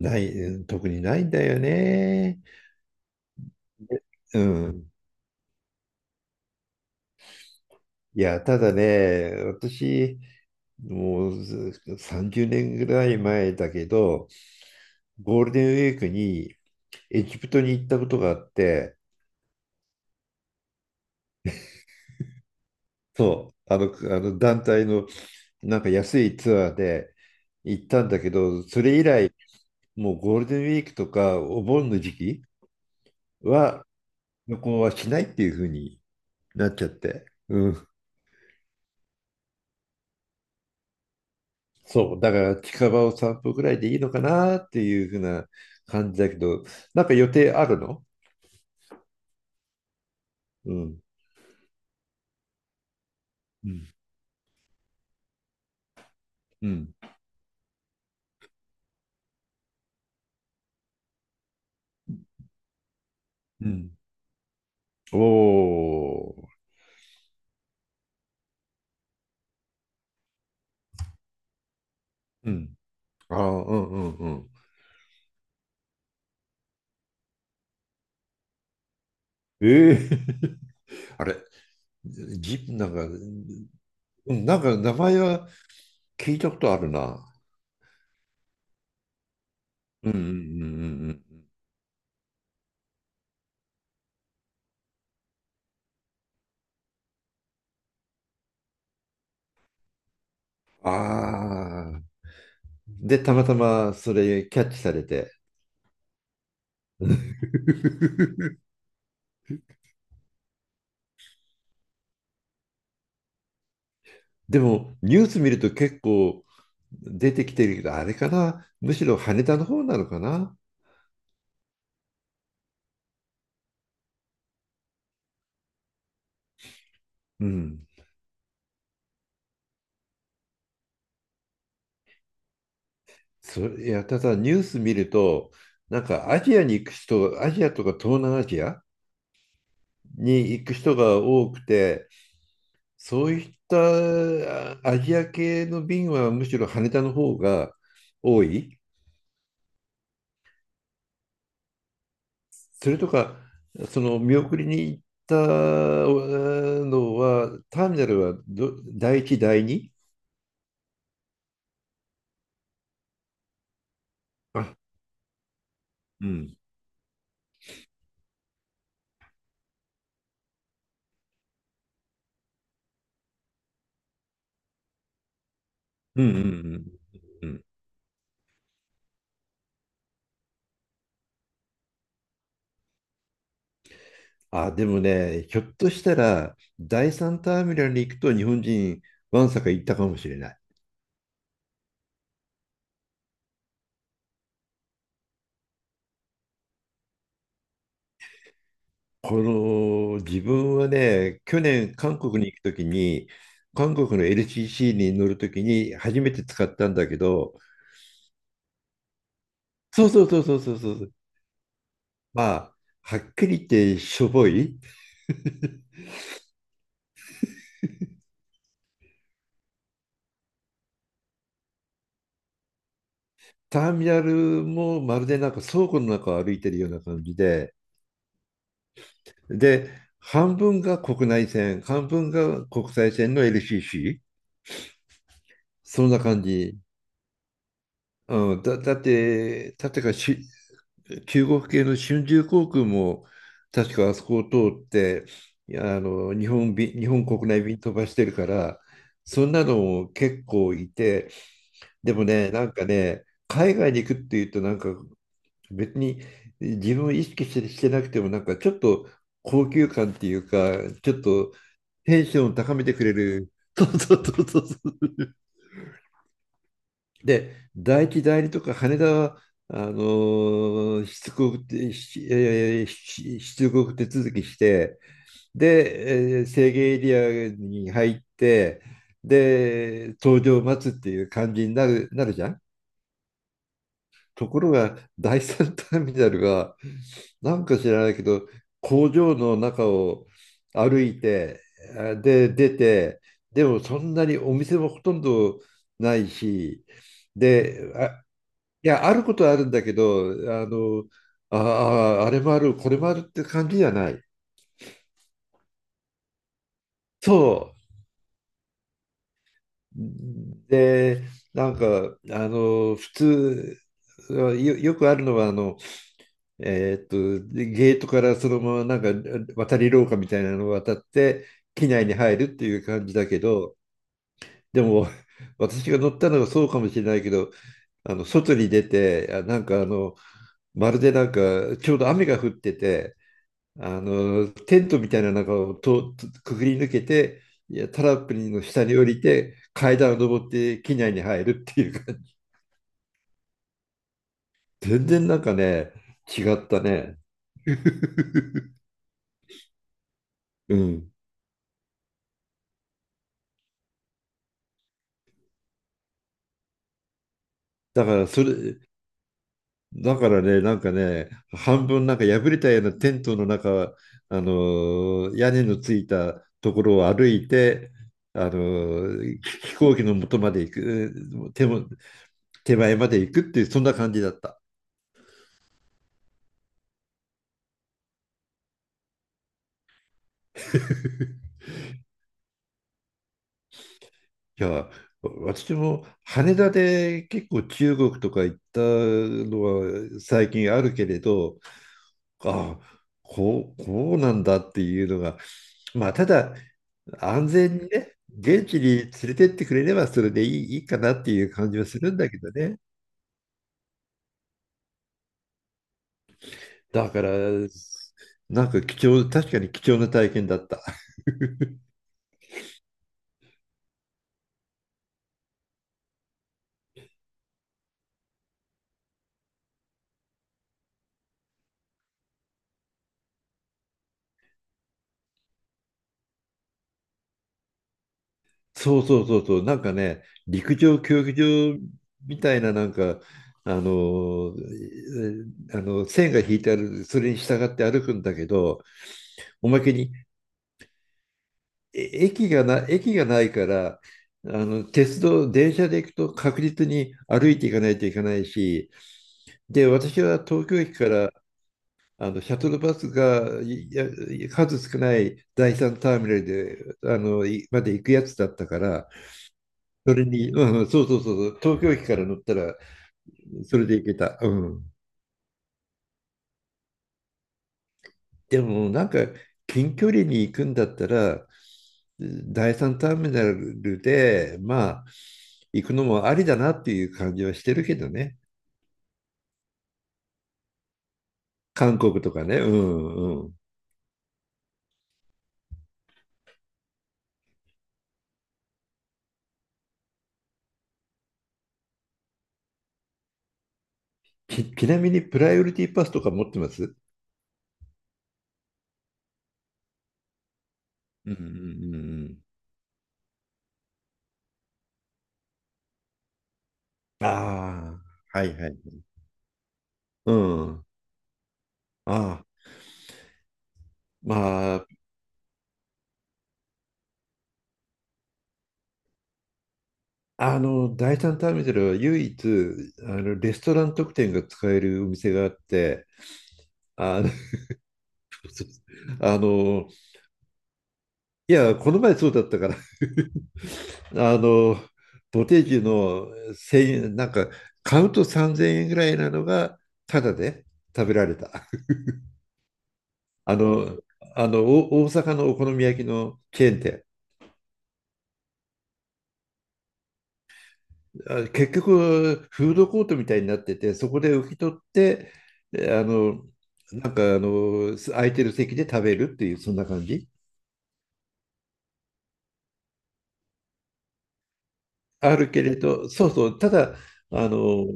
ない、特にないんだよね。うん。いや、ただね、私、もうず30年ぐらい前だけど、ゴールデンウィークにエジプトに行ったことがあって。そう、あの団体のなんか安いツアーで行ったんだけど、それ以来、もうゴールデンウィークとかお盆の時期は旅行はしないっていうふうになっちゃって。うん。そう、だから近場を散歩ぐらいでいいのかなっていうふうな感じだけど、なんか予定あるの？うん、うん、うん、うん。おー、うん。ああ、うんうんうん。ええ あれ、ぎ、なんか、うなんか名前は聞いたことあるな。うんうんうんうんうん。ああ、で、たまたまそれキャッチされて。でもニュース見ると結構出てきてるけど、あれかな、むしろ羽田の方なのかな。うん。いや、ただニュース見ると、なんかアジアに行く人、アジアとか東南アジアに行く人が多くて、そういったアジア系の便はむしろ羽田の方が多い。それとか、その見送りに行ったのは、ターミナルは第1、第2。あ、うん。うんうんうん。うん、あ、でもね、ひょっとしたら、第三ターミナルに行くと日本人、わんさか行ったかもしれない。この、自分はね、去年、韓国に行くときに、韓国の LCC に乗るときに初めて使ったんだけど、そうそうそうそうそうそう。まあ、はっきり言ってしょぼい。ターミナルもまるでなんか倉庫の中を歩いてるような感じで、で、半分が国内線、半分が国際線の LCC。そんな感じ。うん、だって中国系の春秋航空も、確かあそこを通って、あの、日本便、日本国内便飛ばしてるから、そんなのも結構いて、でもね、なんかね、海外に行くっていうと、なんか別に自分を意識して、してなくても、なんかちょっと高級感っていうか、ちょっとテンションを高めてくれる。そうそうそうそう。で、大木代理とか羽田は、あの出国手続きして、で、制限エリアに入って、で、搭乗を待つっていう感じになるじゃん。ところが、第三ターミナルが、なんか知らないけど、工場の中を歩いて、で、出て、でもそんなにお店もほとんどないし、で、あいや、あることはあるんだけど、あの、ああ、あれもある、これもあるって感じじゃない。そう。で、なんか、あの、普通、よくあるのは、あの、えーっと、ゲートからそのまま、なんか、渡り廊下みたいなのを渡って、機内に入るっていう感じだけど、でも、私が乗ったのがそうかもしれないけど、あの、外に出て、なんか、あの、まるでなんか、ちょうど雨が降ってて、あの、テントみたいな中をとくぐり抜けて、いや、タラップの下に降りて、階段を登って機内に入るっていう感じ。全然なんかね、違ったね。うん。だから、それ、だからね、なんかね、半分なんか破れたようなテントの中、あのー、屋根のついたところを歩いて、あのー、飛行機の元まで行く、手も、手前まで行くっていう、そんな感じだった。いや、私も羽田で結構中国とか行ったのは最近あるけれど、ああ、こうなんだっていうのが、まあ、ただ安全にね、現地に連れてってくれればそれでいい、いいかなっていう感じはするんだけどね。だから、なんか貴重、確かに貴重な体験だった。そうそうそうそう、なんかね、陸上競技場みたいな、なんか、あのえあの線が引いてある、それに従って歩くんだけど、おまけにえ駅がな、駅がないから、あの鉄道、電車で行くと確実に歩いていかないといけないし、で、私は東京駅からあのシャトルバスがいや数少ない第三ターミナルであのいまで行くやつだったから、それに、うんうん、そうそうそうそう、東京駅から乗ったら、それで行けた。うん。でも、なんか、近距離に行くんだったら、第三ターミナルで、まあ、行くのもありだなっていう感じはしてるけどね。韓国とかね。うんうん。ちなみに、プライオリティパスとか持ってます？うんうんうんうん。ああ、はいはい。うん。ああ、まあ、あの、第三ターミナルは唯一、あの、レストラン特典が使えるお店があって、あの、あの、いや、この前そうだったから、あの、ボテージの1000円、なんか、カウント3000円ぐらいなのが、タダで食べられた。あの、大阪のお好み焼きのチェーン店。結局、フードコートみたいになってて、そこで受け取って、えあの、なんかあの、す空いてる席で食べるっていう、そんな感じ。あるけれど、そうそう、ただ、あの、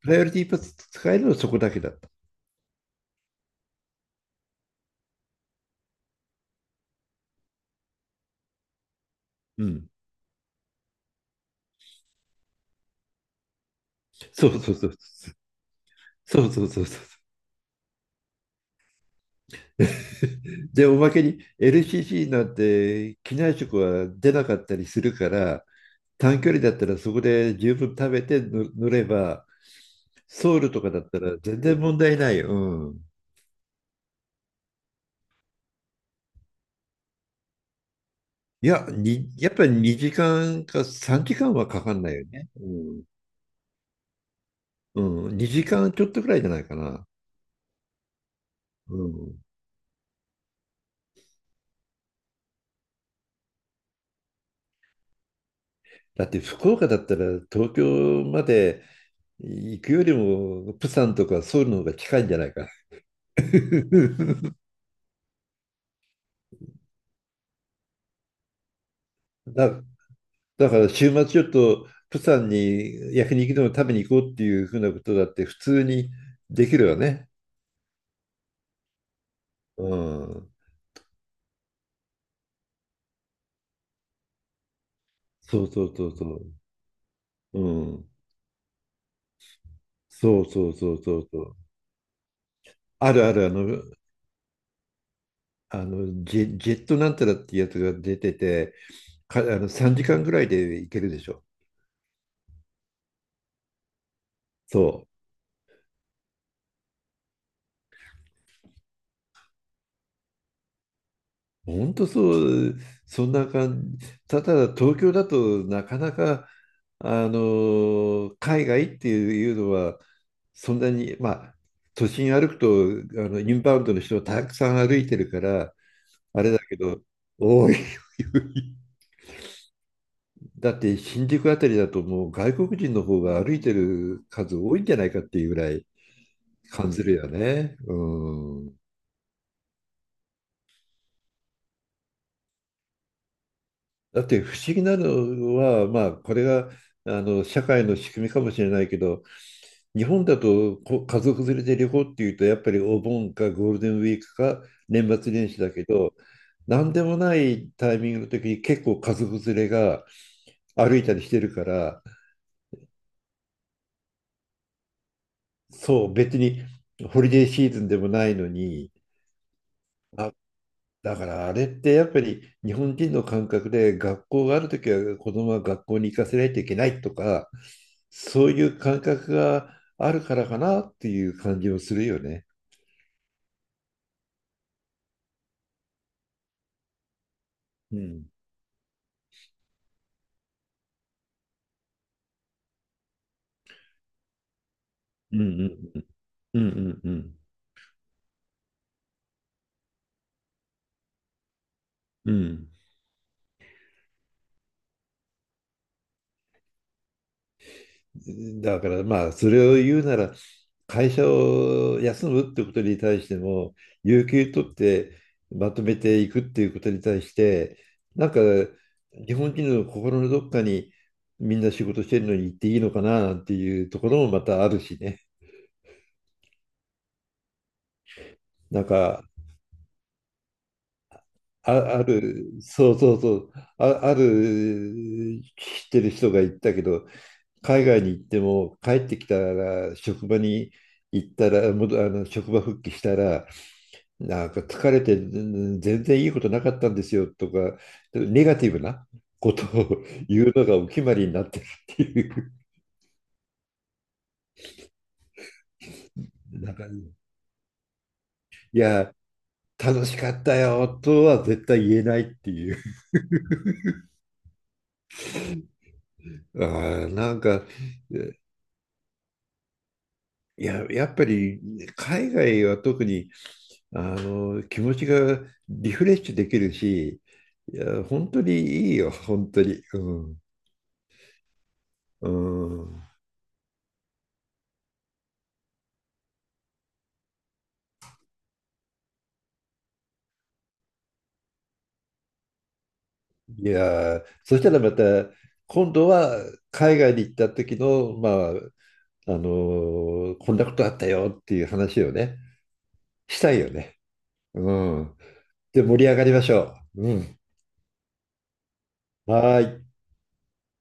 プライオリティパス使えるのはそこだけだった。うん。そうそうそう。そうそうそうそう。で、おまけに LCC なんて機内食は出なかったりするから、短距離だったらそこで十分食べて乗れば、ソウルとかだったら全然問題ない。うん。やっぱり2時間か3時間はかかんないよね。うん。うん、2時間ちょっとぐらいじゃないかな。うん。だって福岡だったら東京まで行くよりも、プサンとかソウルの方が近いんじゃないか。だ、だから週末ちょっとプサンに焼肉でも食べに行こうっていうふうなことだって普通にできるわね。うん。そうそうそうそう。うん。そうそうそうそうそう。あるある、あの、ジェットなんたらっていうやつが出てて、あの3時間ぐらいで行けるでしょ。そう。ほんとそう、そんな感じ。ただ東京だとなかなか、あの、海外っていうのは、そんなに、まあ、都心歩くと、あの、インバウンドの人たくさん歩いてるから、あれだけど、多だって新宿あたりだともう外国人の方が歩いてる数多いんじゃないかっていうぐらい感じるよね。うん。だって不思議なのは、まあこれがあの社会の仕組みかもしれないけど、日本だと家族連れで旅行っていうとやっぱりお盆かゴールデンウィークか年末年始だけど、なんでもないタイミングの時に結構家族連れが歩いたりしてるから、そう別にホリデーシーズンでもないのに、あだからあれってやっぱり日本人の感覚で学校があるときは子供は学校に行かせないといけないとか、そういう感覚があるからかなっていう感じもするよね。うん。うんうんうんうんうんうん。うん、だからまあそれを言うなら会社を休むってことに対しても有給取ってまとめていくっていうことに対してなんか日本人の心のどっかにみんな仕事してるのに行っていいのかななんていうところもまたあるしね。なんかあ、あるそうそうそう、あ、ある、知ってる人が言ったけど海外に行っても帰ってきたら職場に行ったらもどあの職場復帰したらなんか疲れて全然いいことなかったんですよとか、ネガティブなことを言うのがお決まりになってるっていう、いや、楽しかったよとは絶対言えないっていう、あーなんか、いや、やっぱり海外は特にあの気持ちがリフレッシュできるし、いや、本当にいいよ、本当に。うん、うん、いやーそしたらまた今度は海外に行った時のあのこんなことあったよっていう話をねしたいよね。うん。で盛り上がりましょう。うん。はーい。